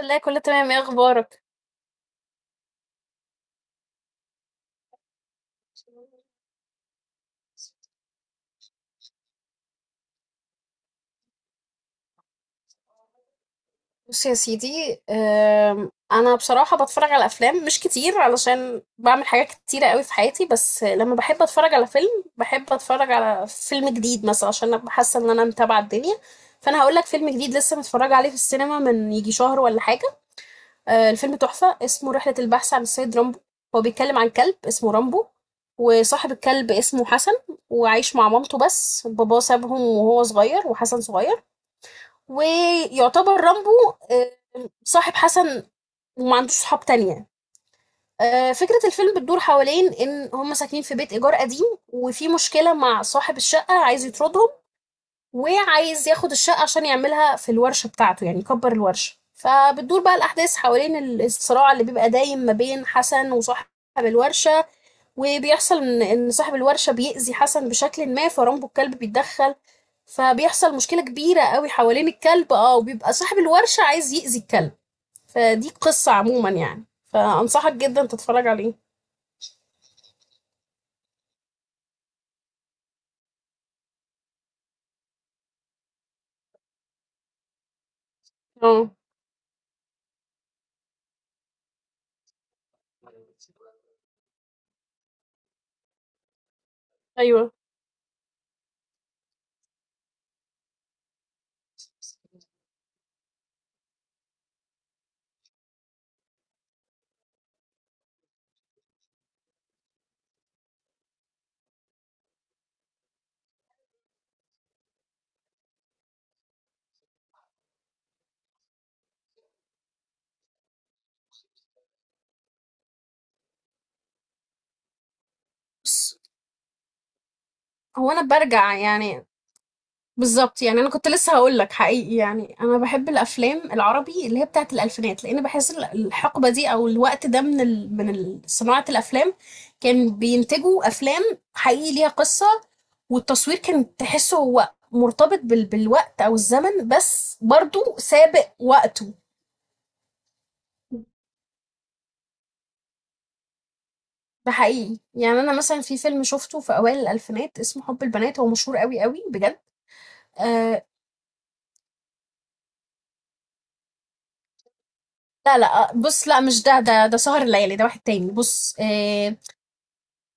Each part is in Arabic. لا، كله تمام. ايه اخبارك؟ بص يا سيدي، انا بصراحه بتفرج على افلام مش كتير علشان بعمل حاجات كتيره قوي في حياتي، بس لما بحب اتفرج على فيلم بحب اتفرج على فيلم جديد مثلا عشان ابقى حاسه ان انا متابعه الدنيا. فانا هقول لك فيلم جديد لسه متفرجه عليه في السينما من يجي شهر ولا حاجه. الفيلم تحفه، اسمه رحله البحث عن السيد رامبو. هو بيتكلم عن كلب اسمه رامبو، وصاحب الكلب اسمه حسن، وعايش مع مامته، بس باباه سابهم وهو صغير وحسن صغير. ويعتبر رامبو صاحب حسن، وما عندوش صحاب تانية. فكرة الفيلم بتدور حوالين إن هم ساكنين في بيت إيجار قديم، وفي مشكلة مع صاحب الشقة عايز يطردهم وعايز ياخد الشقة عشان يعملها في الورشة بتاعته، يعني يكبر الورشة. فبتدور بقى الأحداث حوالين الصراع اللي بيبقى دايم ما بين حسن وصاحب الورشة. وبيحصل إن صاحب الورشة بيأذي حسن بشكل ما، فرامبو الكلب بيتدخل، فبيحصل مشكلة كبيرة قوي حوالين الكلب. اه، وبيبقى صاحب الورشة عايز يأذي الكلب. فدي قصة عموما يعني، فأنصحك جدا تتفرج عليه. اه. ايوه، بص، هو انا برجع يعني بالظبط. يعني انا كنت لسه هقول لك حقيقي، يعني انا بحب الافلام العربي اللي هي بتاعت الالفينات، لان بحس الحقبه دي او الوقت ده من صناعه الافلام، كان بينتجوا افلام حقيقي ليها قصه. والتصوير كان تحسه هو مرتبط بالوقت او الزمن، بس برضو سابق وقته. ده حقيقي، يعني انا مثلا في فيلم شفته في اوائل الالفينات اسمه حب البنات، هو مشهور قوي قوي بجد. آه، لا لا، بص، لا مش ده سهر الليالي، ده واحد تاني. بص.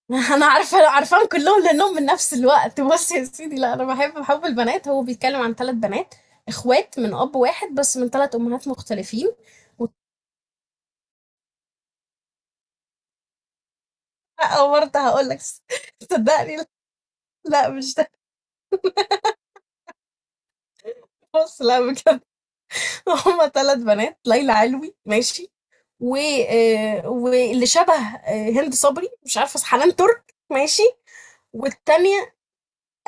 انا عارفه، عارفاهم كلهم لانهم من نفس الوقت. بص يا سيدي، لا انا بحب حب البنات، هو بيتكلم عن ثلاث بنات اخوات من اب واحد بس من ثلاث امهات مختلفين. او برضه هقول لك صدقني، لا مش ده. بص، لا بجد. هما ثلاث بنات: ليلى علوي ماشي، و واللي شبه هند صبري، مش عارفه، حنان ترك ماشي. والتانية،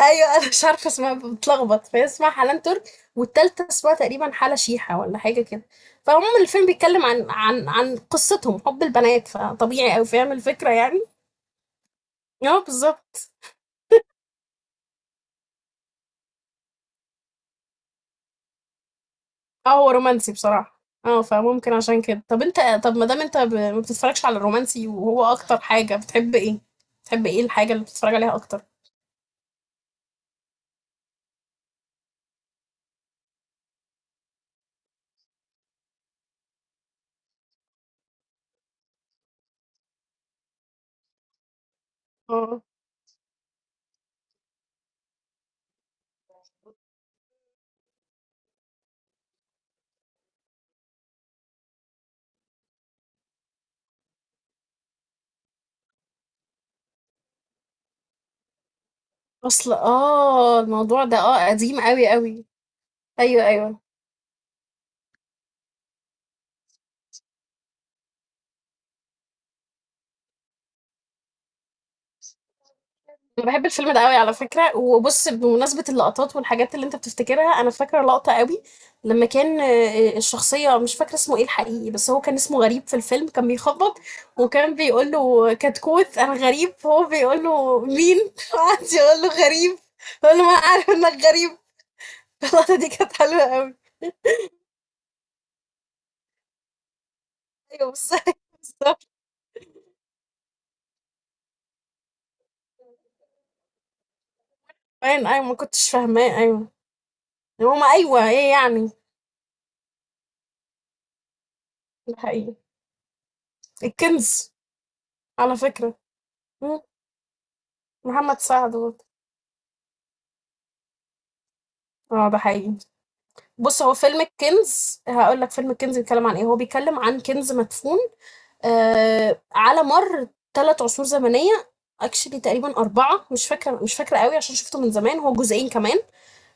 ايوه انا مش عارفه اسمها، بتلخبط، فهي اسمها حنان ترك، والتالتة اسمها تقريبا حالة شيحة ولا حاجه كده. فعموما الفيلم بيتكلم عن قصتهم، حب البنات، فطبيعي او فاهم الفكره يعني. اه بالظبط. اه هو رومانسي بصراحه. اه فممكن عشان كده. طب انت، طب ما دام انت ما بتتفرجش على الرومانسي، وهو اكتر حاجه بتحب ايه، بتحب ايه الحاجه اللي بتتفرج عليها اكتر؟ اه. اصل الموضوع ده قديم قوي قوي. ايوه ايوه، انا بحب الفيلم ده قوي على فكره. وبص، بمناسبه اللقطات والحاجات اللي انت بتفتكرها، انا فاكره لقطه قوي لما كان الشخصيه، مش فاكره اسمه ايه الحقيقي، بس هو كان اسمه غريب في الفيلم. كان بيخبط وكان بيقول له: كتكوت، انا غريب. هو بيقول له: مين؟ وقعد يقول له: غريب. بيقول له: ما انا عارف انك غريب. اللقطه دي كانت حلوه قوي. ايوه بس، بالظبط. باين، ايوه، ما كنتش فاهماه. ايوه هما، ايوه ايه يعني. الحقيقي، الكنز. على فكره. مم. محمد سعد. اه ده حقيقي. بص، هو فيلم الكنز، هقول لك فيلم الكنز بيتكلم عن ايه. هو بيتكلم عن كنز مدفون على مر ثلاث عصور زمنيه. اكشلي تقريبا اربعه، مش فاكره، مش فاكره قوي عشان شفته من زمان، هو جزئين كمان.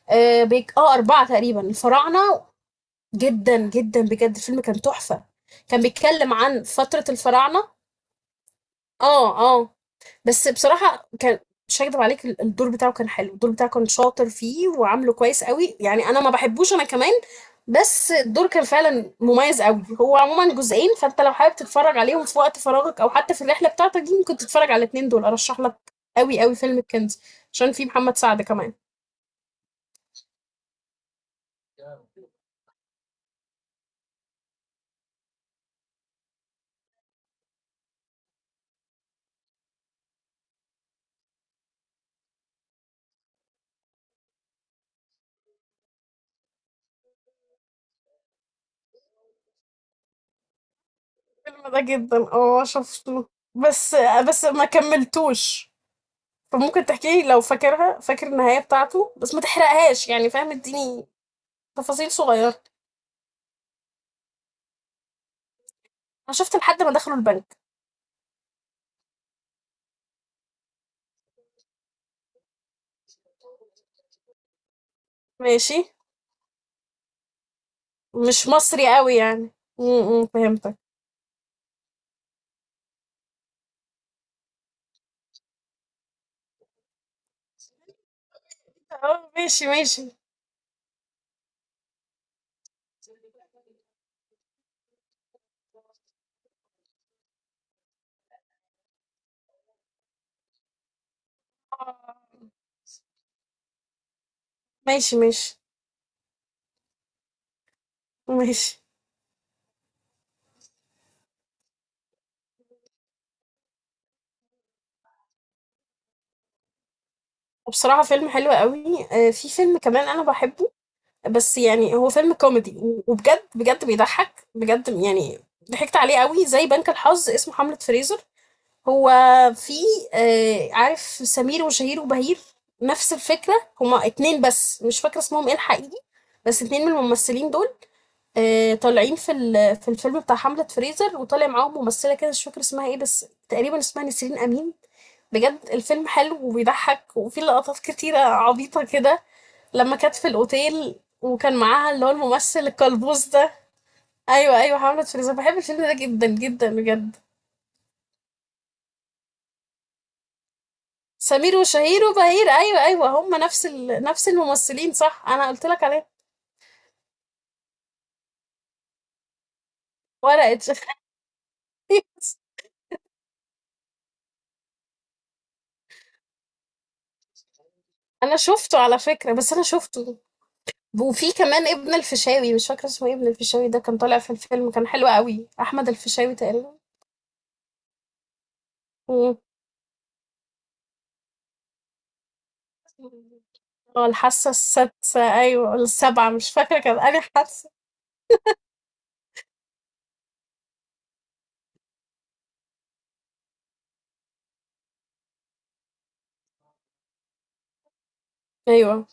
اه، بيك... آه اربعه تقريبا، الفراعنه. جدا جدا بجد الفيلم كان تحفه. كان بيتكلم عن فتره الفراعنه. اه اه. بس بصراحة كان، مش هكدب عليك، الدور بتاعه كان حلو، الدور بتاعه كان شاطر فيه وعامله كويس قوي. يعني انا ما بحبوش انا كمان، بس الدور كان فعلا مميز قوي. هو عموما جزئين، فانت لو حابب تتفرج عليهم في وقت فراغك او حتى في الرحلة بتاعتك دي، ممكن تتفرج على الاتنين دول، ارشح لك قوي قوي فيلم الكنز، عشان فيه محمد سعد كمان. الفيلم ده جدا. اه شفته بس، بس ما كملتوش. فممكن تحكي لي لو فاكرها، فاكر النهاية بتاعته، بس ما تحرقهاش يعني، فاهم، اديني تفاصيل صغيرة. انا شفت لحد ما دخلوا البنك. ماشي. مش مصري قوي يعني؟ امم، فهمتك. اه ماشي ماشي. آه، ماشي، ماشي ماشي. وبصراحة فيلم حلو قوي. في فيلم كمان انا بحبه، بس يعني هو فيلم كوميدي وبجد بجد بيضحك بجد يعني، ضحكت عليه قوي زي بنك الحظ، اسمه حملة فريزر. هو في عارف سمير وشهير وبهير؟ نفس الفكرة. هما اتنين بس مش فاكرة اسمهم ايه الحقيقي، بس اتنين من الممثلين دول طالعين في في الفيلم بتاع حملة فريزر، وطالع معاهم ممثلة كده مش فاكرة اسمها ايه، بس تقريبا اسمها نسرين أمين. بجد الفيلم حلو وبيضحك وفيه لقطات كتيرة عبيطة كده، لما كانت في الأوتيل وكان معاها اللي هو الممثل الكلبوز ده. أيوة أيوة، حملة فريزر، بحب الفيلم ده جدا جدا بجد. سمير وشهير وبهير، أيوة أيوة، هما نفس الممثلين، صح، أنا قلت لك عليه. ورقة. أنا شفته على فكرة، بس أنا شفته. وفي كمان ابن الفيشاوي، مش فاكرة اسمه ايه، ابن الفيشاوي ده كان طالع في الفيلم، كان حلو قوي، أحمد الفيشاوي تقريبا. مم. اه، الحاسة السادسة، أيوة ولا السابعة، مش فاكرة، كان أنا حاسة. أيوة.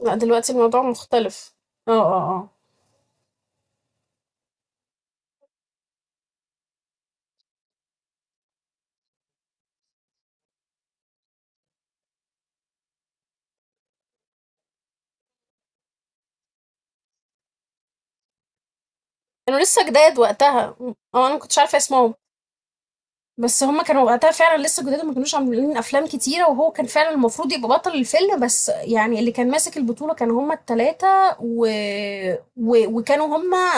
لا دلوقتي الموضوع مختلف. اه اه اه. كانوا لسه جداد وقتها. اه أنا مكنتش عارفة اسمهم. بس هما كانوا وقتها فعلا لسه جداد وما كانوش عاملين افلام كتيره، وهو كان فعلا المفروض يبقى بطل الفيلم، بس يعني اللي كان ماسك البطوله كانوا هما التلاته. و... و... وكانوا هما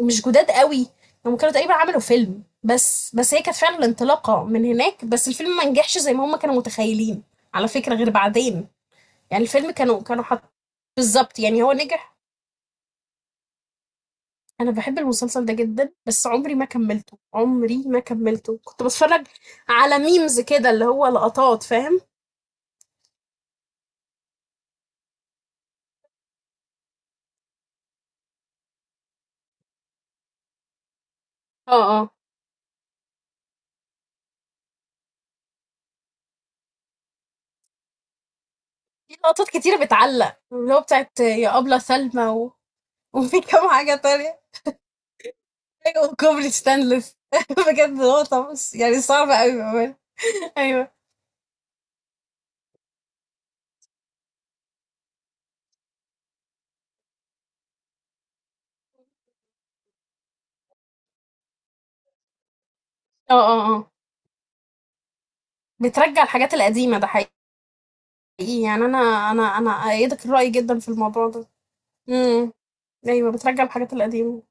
مش جداد قوي. هما كانوا تقريبا عملوا فيلم بس هي كانت فعلا الانطلاقه من هناك، بس الفيلم ما نجحش زي ما هما كانوا متخيلين، على فكره غير بعدين. يعني الفيلم كانوا حط، بالظبط، يعني هو نجح. أنا باحب المسلسل ده جدًا، بس عمري ما كمّلته، عمري ما كمّلته. كنت باتفرّج على memes كده، اللي هو لقطات، فاهم؟ آه، آه. في لقطات كتيرة بتعلّق، اللي هو بتاعة يا أبلة سلمى، و وفي كام حاجة تانية، أيوه، وكوبري ستانلس. بجد لقطة، بُص يعني صعبة أوي بأمانة. أيوه. آه، آه، آه. بترجّع الحاجات القديمة، ده حقيقي. يعني أنا أأيّدك الرأي جدًا في الموضوع ده. إمم. أيوه، بترجّع الحاجات القديمة.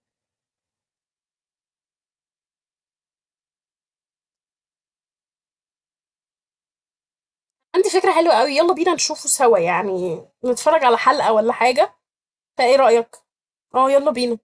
عندي فكرة حلوة قوي، يلا بينا نشوفه سوا، يعني نتفرج على حلقة ولا حاجة. فايه رأيك؟ اه يلا بينا.